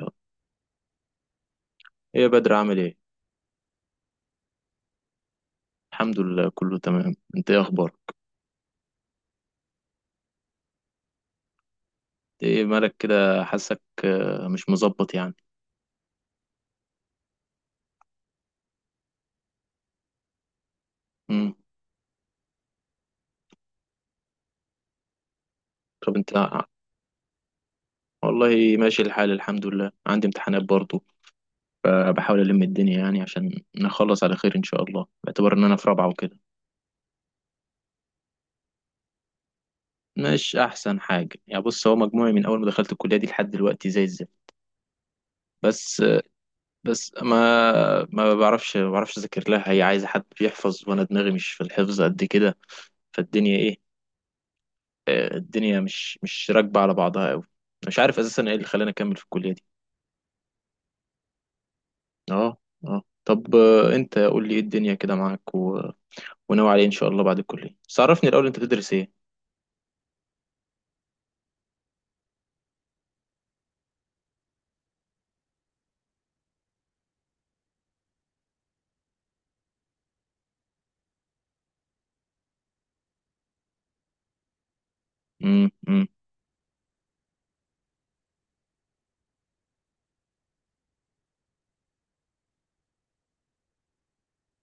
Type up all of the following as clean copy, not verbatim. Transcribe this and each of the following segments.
ايه يا بدر، عامل ايه؟ الحمد لله، كله تمام. انت ايه اخبارك؟ إنت ايه مالك كده؟ حاسك مش مظبط يعني. امم. طب انت. والله ماشي الحال، الحمد لله. عندي امتحانات برضو. بحاول الم الدنيا يعني، عشان نخلص على خير ان شاء الله، باعتبار ان انا في رابعه وكده. مش احسن حاجه يعني. بص، هو مجموعي من اول ما دخلت الكليه دي لحد دلوقتي زي الزفت. بس. بس ما بعرفش اذاكر لها. هي عايزه حد بيحفظ، وانا دماغي مش في الحفظ قد كده. فالدنيا ايه؟ الدنيا مش راكبة على بعضها قوي. مش عارف اساسا ايه اللي خلاني اكمل في الكلية دي. اه. اه. طب انت قول لي ايه الدنيا كده معاك، و... وناوي عليه ان شاء الله بعد الكلية. بس عرفني الاول، انت بتدرس ايه؟ امم، امم.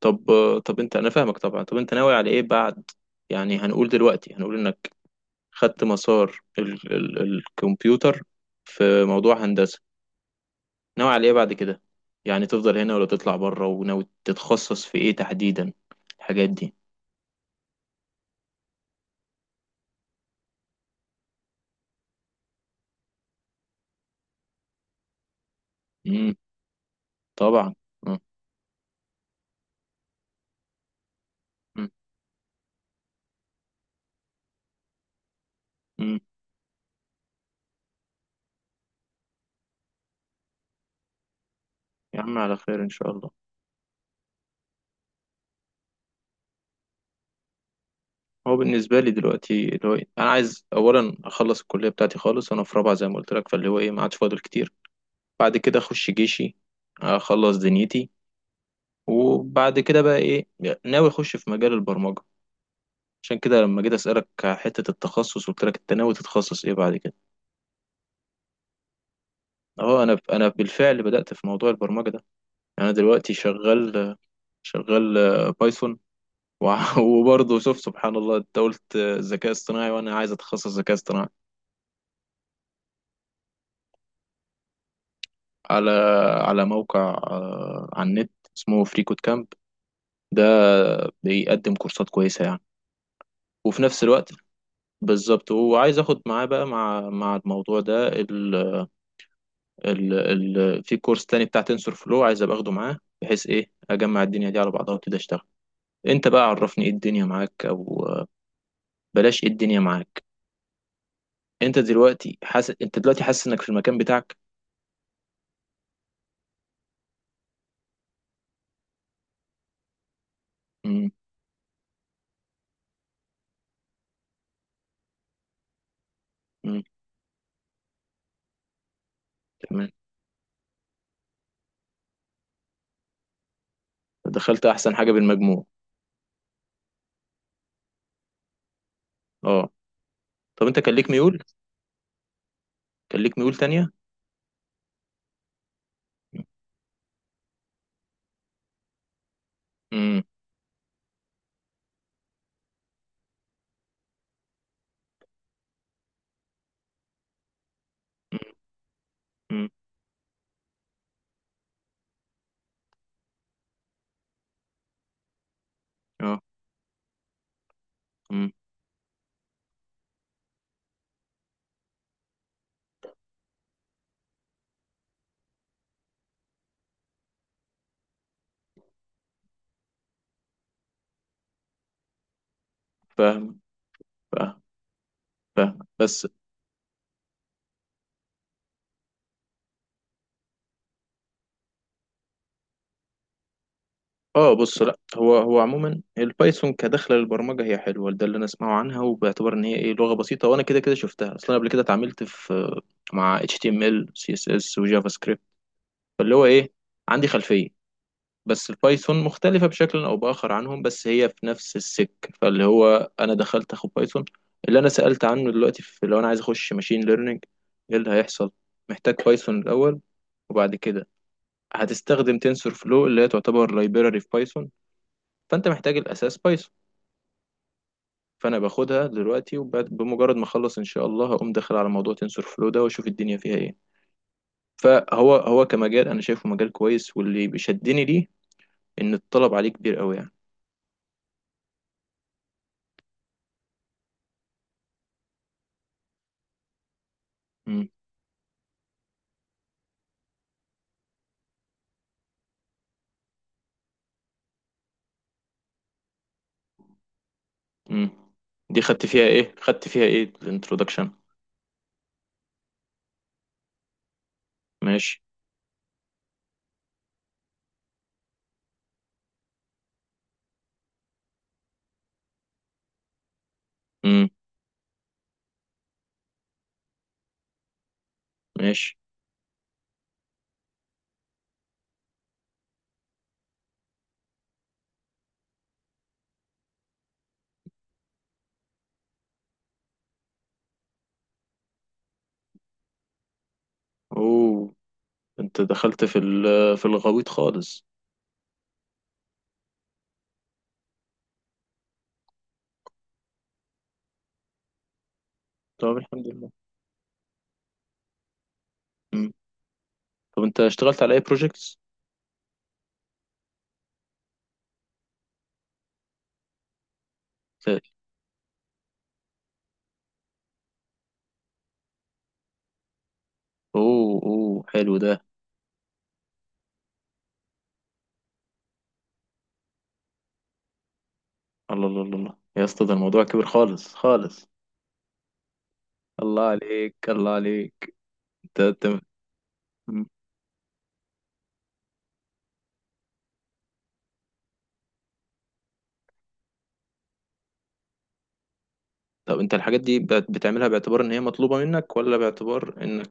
طب انا فاهمك طبعا. طب انت ناوي على ايه بعد؟ يعني هنقول انك خدت مسار الكمبيوتر في موضوع هندسة. ناوي على ايه بعد كده؟ يعني تفضل هنا ولا تطلع بره؟ وناوي تتخصص في ايه تحديدا؟ الحاجات دي؟ امم. طبعا. مم. مم. يا عم، على خير ان شاء الله. هو بالنسبه لي دلوقتي، اللي هو انا عايز اولا اخلص الكليه بتاعتي خالص. انا في رابعه زي ما قلت لك، فاللي هو ايه، ما عادش فاضل كتير. بعد كده اخش جيشي. اخلص دنيتي. وبعد كده بقى ايه؟ ناوي اخش في مجال البرمجه. عشان كده لما جيت اسالك على حته التخصص، قلت لك انت ناوي تتخصص ايه بعد كده. اهو انا بالفعل بدات في موضوع البرمجه ده. يعني انا دلوقتي شغال. شغال بايثون. وبرضه شوف سبحان الله، انت قلت ذكاء اصطناعي وانا عايز اتخصص ذكاء اصطناعي. على على موقع، على النت اسمه فريكوت كامب. ده بيقدم كورسات كويسة يعني. وفي نفس الوقت، بالظبط. وعايز اخد معاه بقى، مع الموضوع ده ال ال ال في كورس تاني بتاع تنسور فلو. عايز ابقى اخده معاه بحيث ايه اجمع الدنيا دي على بعضها وابتدي اشتغل. انت بقى عرفني، ايه الدنيا معاك، او بلاش ايه الدنيا معاك. انت دلوقتي حاسس انك في المكان بتاعك؟ امم، امم. تمام. دخلت احسن حاجة بالمجموع. اه. طب انت كان ليك ميول؟ كان ليك ميول تانية؟ امم، امم، امم. اه. امم. فاهم. فاهم، فاهم، بس. اه، بص، لا، هو عموما البايثون كدخله للبرمجه هي حلوه، ده اللي انا اسمعه عنها. وباعتبار ان هي لغه بسيطه، وانا كده كده شفتها اصلا قبل كده، اتعاملت في مع HTML CSS وجافا سكريبت. فاللي هو ايه، عندي خلفيه. بس البايثون مختلفه بشكل او باخر عنهم، بس هي في نفس السك... فاللي هو انا دخلت اخد بايثون. اللي انا سالت عنه دلوقتي، في لو انا عايز اخش ماشين ليرنينج، ايه اللي هيحصل؟ محتاج بايثون الاول. وبعد كده هتستخدم تنسور فلو اللي هي تعتبر لايبراري في بايثون. فانت محتاج الاساس بايثون. فانا باخدها دلوقتي. وبمجرد ما اخلص ان شاء الله، هقوم داخل على موضوع تنسور فلو ده، واشوف الدنيا فيها ايه. فهو كمجال انا شايفه مجال كويس، واللي بيشدني ليه ان الطلب عليه كبير قوي يعني. امم، امم. دي خدت فيها ايه الانترودكشن؟ ماشي. امم. ماشي. اوه. انت دخلت في الغويط خالص. طب الحمد لله. امم. طب انت اشتغلت على اي بروجكتس؟ اوه، اوه، حلو ده. الله، الله، الله، الله. يا اسطى، ده الموضوع كبير خالص خالص. الله عليك، الله عليك. انت مم. طب انت الحاجات دي بتعملها باعتبار ان هي مطلوبة منك، ولا باعتبار انك...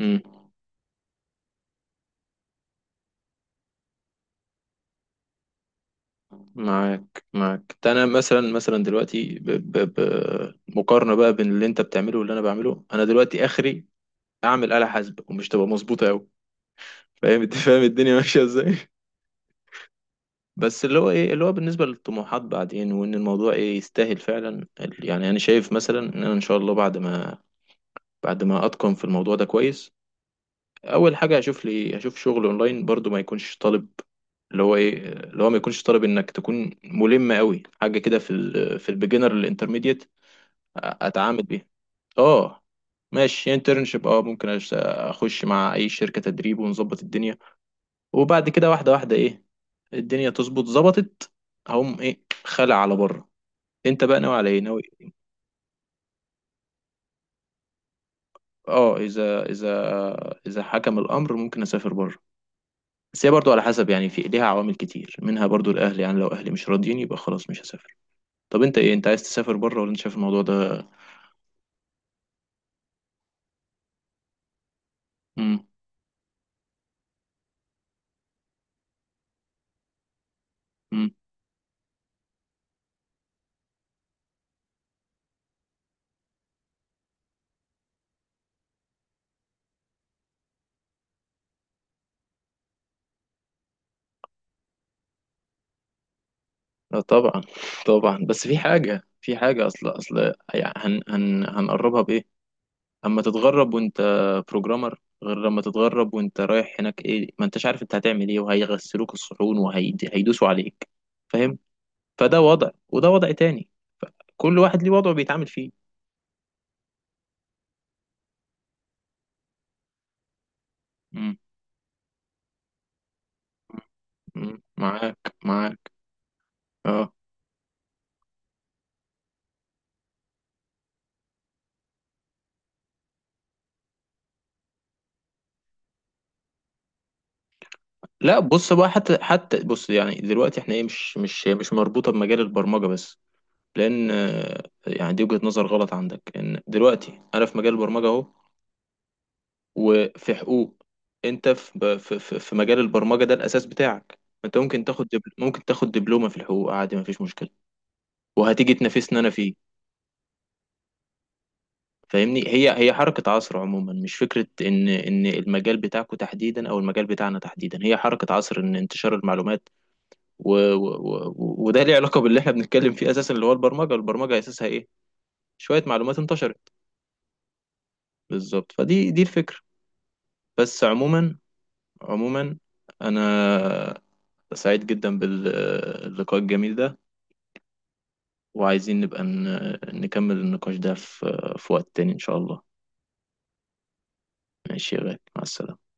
مم. معاك، معاك ده. انا مثلا دلوقتي مقارنة بقى بين اللي انت بتعمله واللي انا بعمله، انا دلوقتي اخري اعمل آلة حاسبة ومش تبقى مظبوطة قوي. فاهم؟ انت فاهم الدنيا ماشية ازاي؟ بس اللي هو ايه، اللي هو بالنسبة للطموحات بعدين، وان الموضوع ايه يستاهل فعلا يعني انا شايف مثلا ان انا ان شاء الله بعد ما بعد ما اتقن في الموضوع ده كويس، اول حاجة هشوف شغل اونلاين برضو، ما يكونش طالب. اللي هو ايه، اللي هو ما يكونش طالب انك تكون ملم قوي حاجة كده، في البيجنر الانترميديت اتعامل بيها. اه. ماشي انترنشيب، اه، ممكن اخش مع اي شركة تدريب ونظبط الدنيا. وبعد كده واحدة واحدة ايه، الدنيا تظبط ظبطت، هقوم ايه خلع على بره. انت بقى ناوي على ايه؟ ناوي... اه، اذا حكم الامر ممكن اسافر بره. بس هي برضو على حسب يعني، في ليها عوامل كتير، منها برضو الاهل. يعني لو اهلي مش راضيين يبقى خلاص مش هسافر. طب انت ايه، انت عايز تسافر بره ولا انت شايف الموضوع ده؟ امم، امم. لا طبعا. طبعا، بس في حاجة اصل اصل يعني، هن هن هنقربها بايه؟ اما تتغرب وانت بروجرامر، غير لما تتغرب وانت رايح هناك ايه، ما انتش عارف انت هتعمل ايه، وهيغسلوك الصحون وهيدوسوا عليك. فاهم. فده وضع، وده وضع تاني. كل واحد ليه وضعه بيتعامل فيه. مم. مم. معاك، معاك. اه. لا، بص بقى، حتى حتى بص يعني، دلوقتي احنا ايه، مش مربوطه بمجال البرمجه بس. لان يعني دي وجهة نظر غلط عندك، لان دلوقتي انا في مجال البرمجه اهو، وفي حقوق. انت في مجال البرمجه ده الاساس بتاعك. انت ممكن تاخد دبلومه في الحقوق عادي، مفيش مشكله. وهتيجي تنافسني انا فيه. فاهمني، هي حركه عصر عموما، مش فكره ان المجال بتاعكو تحديدا او المجال بتاعنا تحديدا. هي حركه عصر ان انتشار المعلومات و... و... وده ليه علاقه باللي احنا بنتكلم فيه اساسا. اللي هو البرمجه، البرمجه اساسها ايه؟ شويه معلومات انتشرت. بالظبط، دي الفكره. بس عموما، عموما، انا سعيد جدا باللقاء الجميل ده. وعايزين نبقى نكمل النقاش ده في وقت تاني إن شاء الله. ماشي يا غالي، مع السلامة.